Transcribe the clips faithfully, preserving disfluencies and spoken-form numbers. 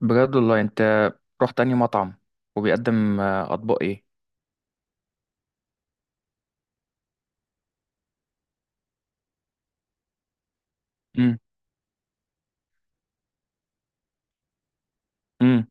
بجد والله انت، رحت انهي مطعم وبيقدم آه، اطباق ايه؟ امم. امم.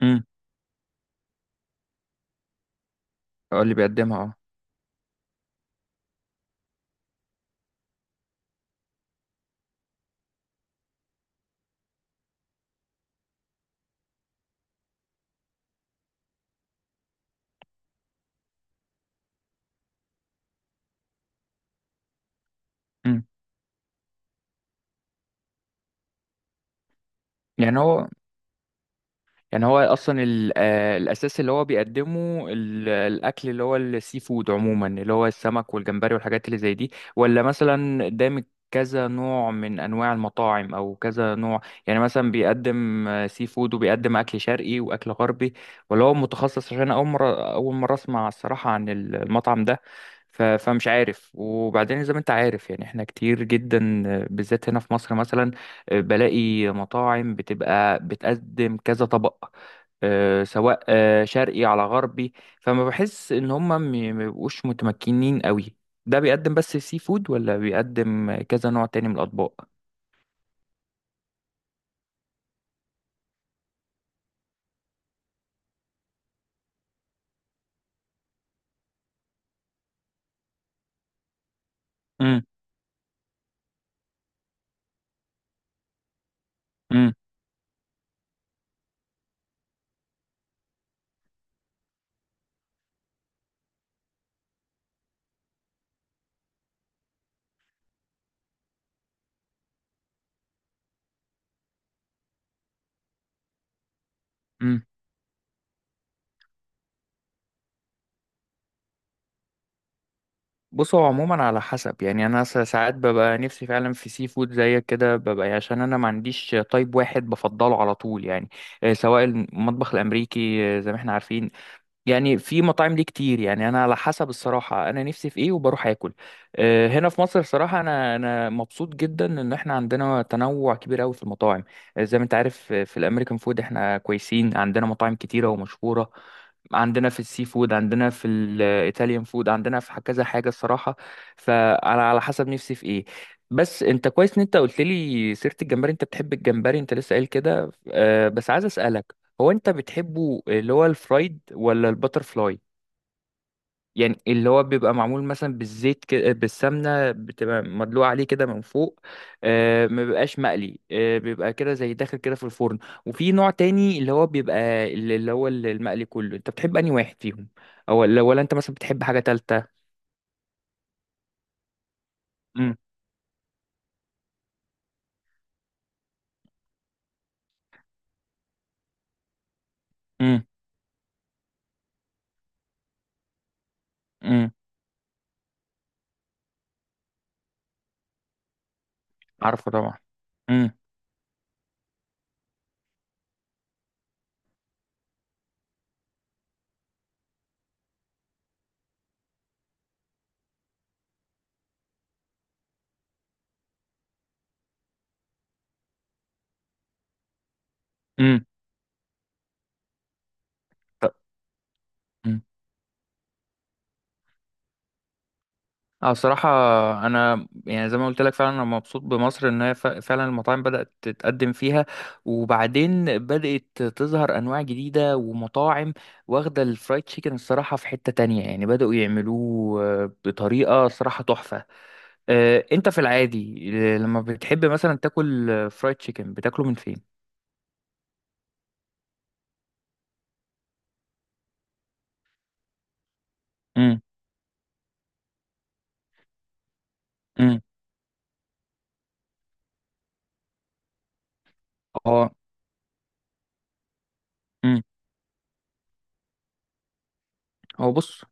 امم. قال لي بيقدمها اه. امم. يعني هو يعني هو اصلا ال- آه، الاساس اللي هو بيقدمه ال- الاكل اللي هو السي فود عموما، اللي هو السمك والجمبري والحاجات اللي زي دي، ولا مثلا قدامك كذا نوع من انواع المطاعم او كذا نوع؟ يعني مثلا بيقدم آه، سي فود وبيقدم اكل شرقي واكل غربي، ولا هو متخصص؟ عشان اول مره اول مره اسمع الصراحه عن ال- المطعم ده. ف- فمش عارف. وبعدين زي ما انت عارف، يعني احنا كتير جدا آه، بالذات هنا في مصر مثلا بلاقي مطاعم بتبقى بتقدم كذا طبق، آه، سواء آه، شرقي على غربي. فما بحس ان هم م- ما بيبقوش متمكنين قوي. ده بيقدم بس سي فود ولا بيقدم كذا نوع تاني من الاطباق؟ امم. امم. امم. بص، هو عموما على حسب. يعني انا سا- ساعات ببقى نفسي فعلا في سي فود زيك كده. ببقى عشان انا ما عنديش تايب واحد بفضله على طول، يعني آه، سواء المطبخ الامريكي آه، زي ما احنا عارفين. يعني في مطاعم ليه كتير. يعني انا على حسب الصراحه انا نفسي في ايه وبروح اكل. آه، هنا في مصر صراحه انا انا مبسوط جدا ان احنا عندنا تنوع كبير قوي في المطاعم. آه، زي ما انت عارف آه، في الامريكان فود احنا كويسين، عندنا مطاعم كتيره ومشهوره. عندنا في السي فود، عندنا في الايطاليان فود، عندنا في كذا حاجه الصراحه. فانا على حسب نفسي في ايه. بس انت كويس ان انت قلت لي سيره الجمبري. انت بتحب الجمبري، انت لسه قايل كده، آه، بس عايز اسالك، هو انت بتحبه اللي هو الفرايد ولا الباتر فلاي؟ يعني اللي هو بيبقى معمول مثلا بالزيت كده، بالسمنه بتبقى مدلوقه عليه كده من فوق. آه ما بيبقاش مقلي، آه بيبقى كده زي داخل كده في الفرن. وفي نوع تاني اللي هو بيبقى اللي اللي هو المقلي. كله، انت بتحب انهي واحد فيهم؟ او ولا ولا انت مثلا بتحب حاجه تالته؟ امم. امم. امم. عارفه طبعا. امم. امم. اه صراحة، أنا يعني زي ما قلت لك فعلا أنا مبسوط بمصر إن هي ف- فعلا المطاعم بدأت تتقدم فيها. وبعدين بدأت تظهر أنواع جديدة ومطاعم واخدة. الفرايد تشيكن الصراحة في حتة تانية يعني بدأوا يعملوه آه، بطريقة صراحة تحفة. آه، أنت في العادي آه، لما بتحب مثلا تاكل آه، فرايد تشيكن، بتاكله من فين؟ امم. امم. اه. امم. هو بص،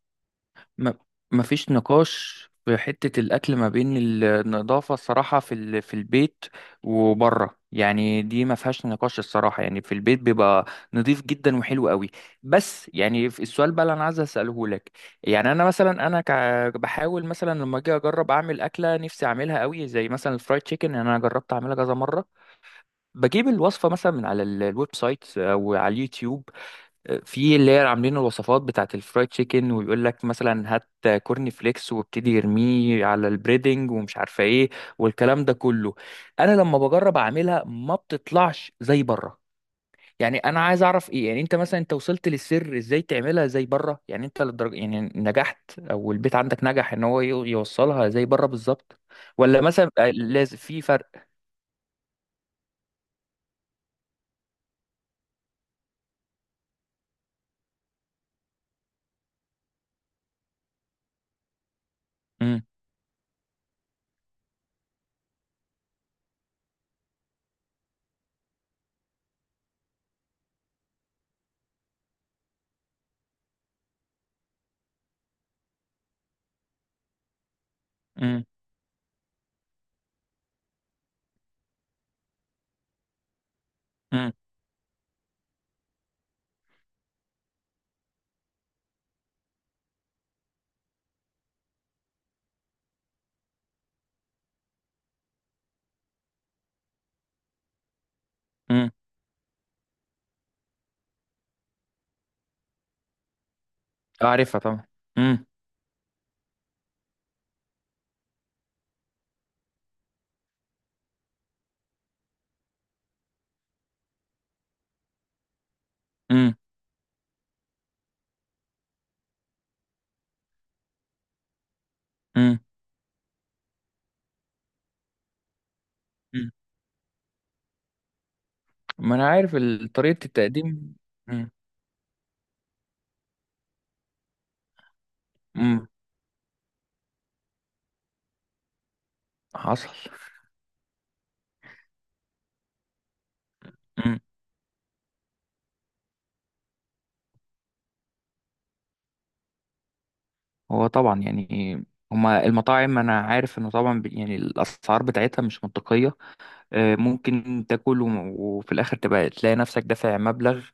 ما ما فيش نقاش في حتة الأكل ما بين النظافة الصراحة في ال... في البيت وبره، يعني دي ما فيهاش نقاش الصراحة. يعني في البيت بيبقى نظيف جدا وحلو قوي. بس يعني في السؤال بقى اللي أنا عايز أسأله لك. يعني أنا مثلا أنا ك... بحاول مثلا لما أجي أجرب أعمل أكلة نفسي أعملها قوي زي مثلا الفرايد تشيكن، أنا جربت أعملها كذا مرة. بجيب الوصفة مثلا من على ال- الويب سايت أو على اليوتيوب في اللي هي عاملين الوصفات بتاعه الفرايد تشيكن، ويقول لك مثلا هات كورن فليكس وابتدي يرميه على البريدنج ومش عارفه ايه والكلام ده كله. انا لما بجرب اعملها ما بتطلعش زي بره. يعني انا عايز اعرف ايه، يعني انت مثلا انت وصلت للسر ازاي تعملها زي بره؟ يعني انت للدرجه يعني نجحت او البيت عندك نجح ان هو يو- يوصلها زي بره بالظبط، ولا مثلا آه، لازم في فرق؟ امم. امم. امم. امم. اعرفها طبعا. امم. امم. إمم. إمم. ما انا عارف ال- طريقة التقديم. مم. مم. حصل. مم. هو طبعا يعني هما المطاعم، انا عارف انه طبعا ب- يعني الاسعار بتاعتها مش منطقية. آه، ممكن تاكل وم- وفي الاخر تبقى تلاقي نفسك دافع مبلغ.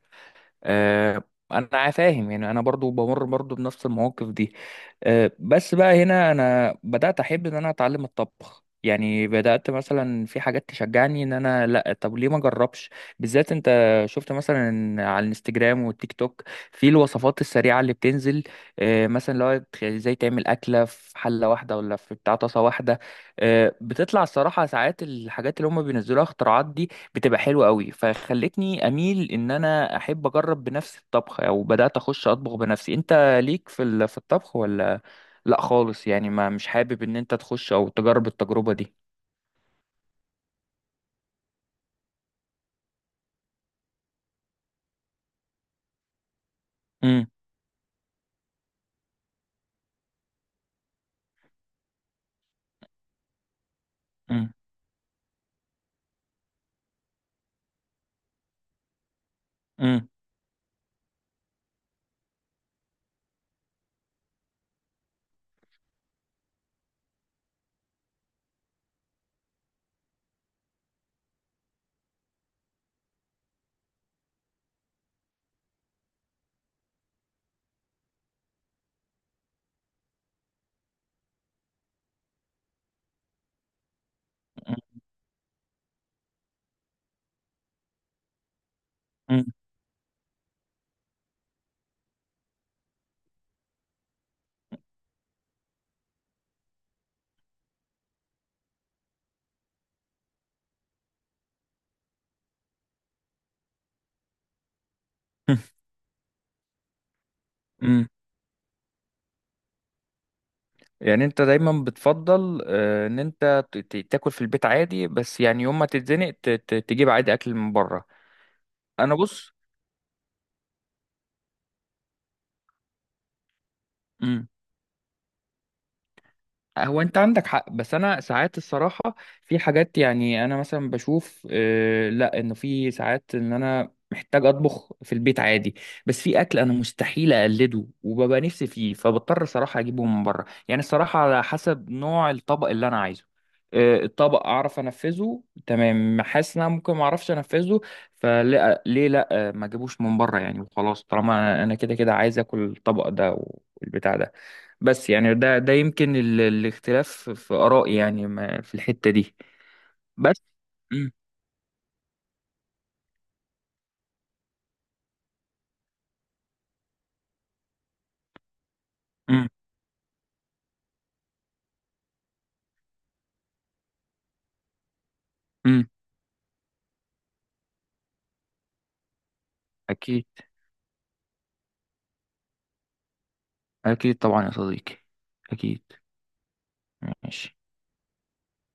آه، انا فاهم. يعني انا برضو بمر برضو بنفس المواقف دي. آه، بس بقى هنا انا بدات احب ان انا اتعلم الطبخ. يعني بدات مثلا في حاجات تشجعني ان انا لا، طب ليه ما اجربش؟ بالذات انت شفت مثلا على الانستجرام والتيك توك في الوصفات السريعه اللي بتنزل. آه، مثلا لو ازاي تعمل اكله في حله واحده ولا في بتاع طاسه واحده. آه، بتطلع الصراحه ساعات الحاجات اللي هم بينزلوها اختراعات دي بتبقى حلوة قوي. فخلتني اميل ان انا احب اجرب بنفسي الطبخ او بدأت اخش اطبخ بنفسي. انت ليك في ال- في الطبخ ولا لا خالص؟ يعني ما مش حابب ان انت تخش او تجرب التجربة دي؟ امم. امم. امم. امم. يعني انت دايما بتفضل آه، ان انت ت- ت- تاكل في البيت عادي، بس يعني يوم ما تتزنق ت- ت- تجيب عادي اكل من بره؟ انا بص. هو انت عندك حق، بس انا ساعات الصراحه في حاجات. يعني انا مثلا بشوف آه، لا، انه في ساعات ان انا محتاج اطبخ في البيت عادي. بس في اكل انا مستحيل اقلده وببقى نفسي فيه، فبضطر صراحه اجيبه من بره. يعني الصراحه على حسب نوع الطبق اللي انا عايزه، آه، الطبق اعرف انفذه تمام، حاسس ان انا ممكن ما اعرفش انفذه. فلا، ليه لا؟ آه، ما اجيبوش من بره يعني وخلاص طالما انا أنا كده كده عايز اكل الطبق ده والبتاع ده. بس يعني ده ده يمكن ال... الاختلاف في آرائي، يعني ما- في الحتة دي. بس. مم. مم. مم. أكيد. أكيد طبعا يا صديقي. أكيد. ماشي.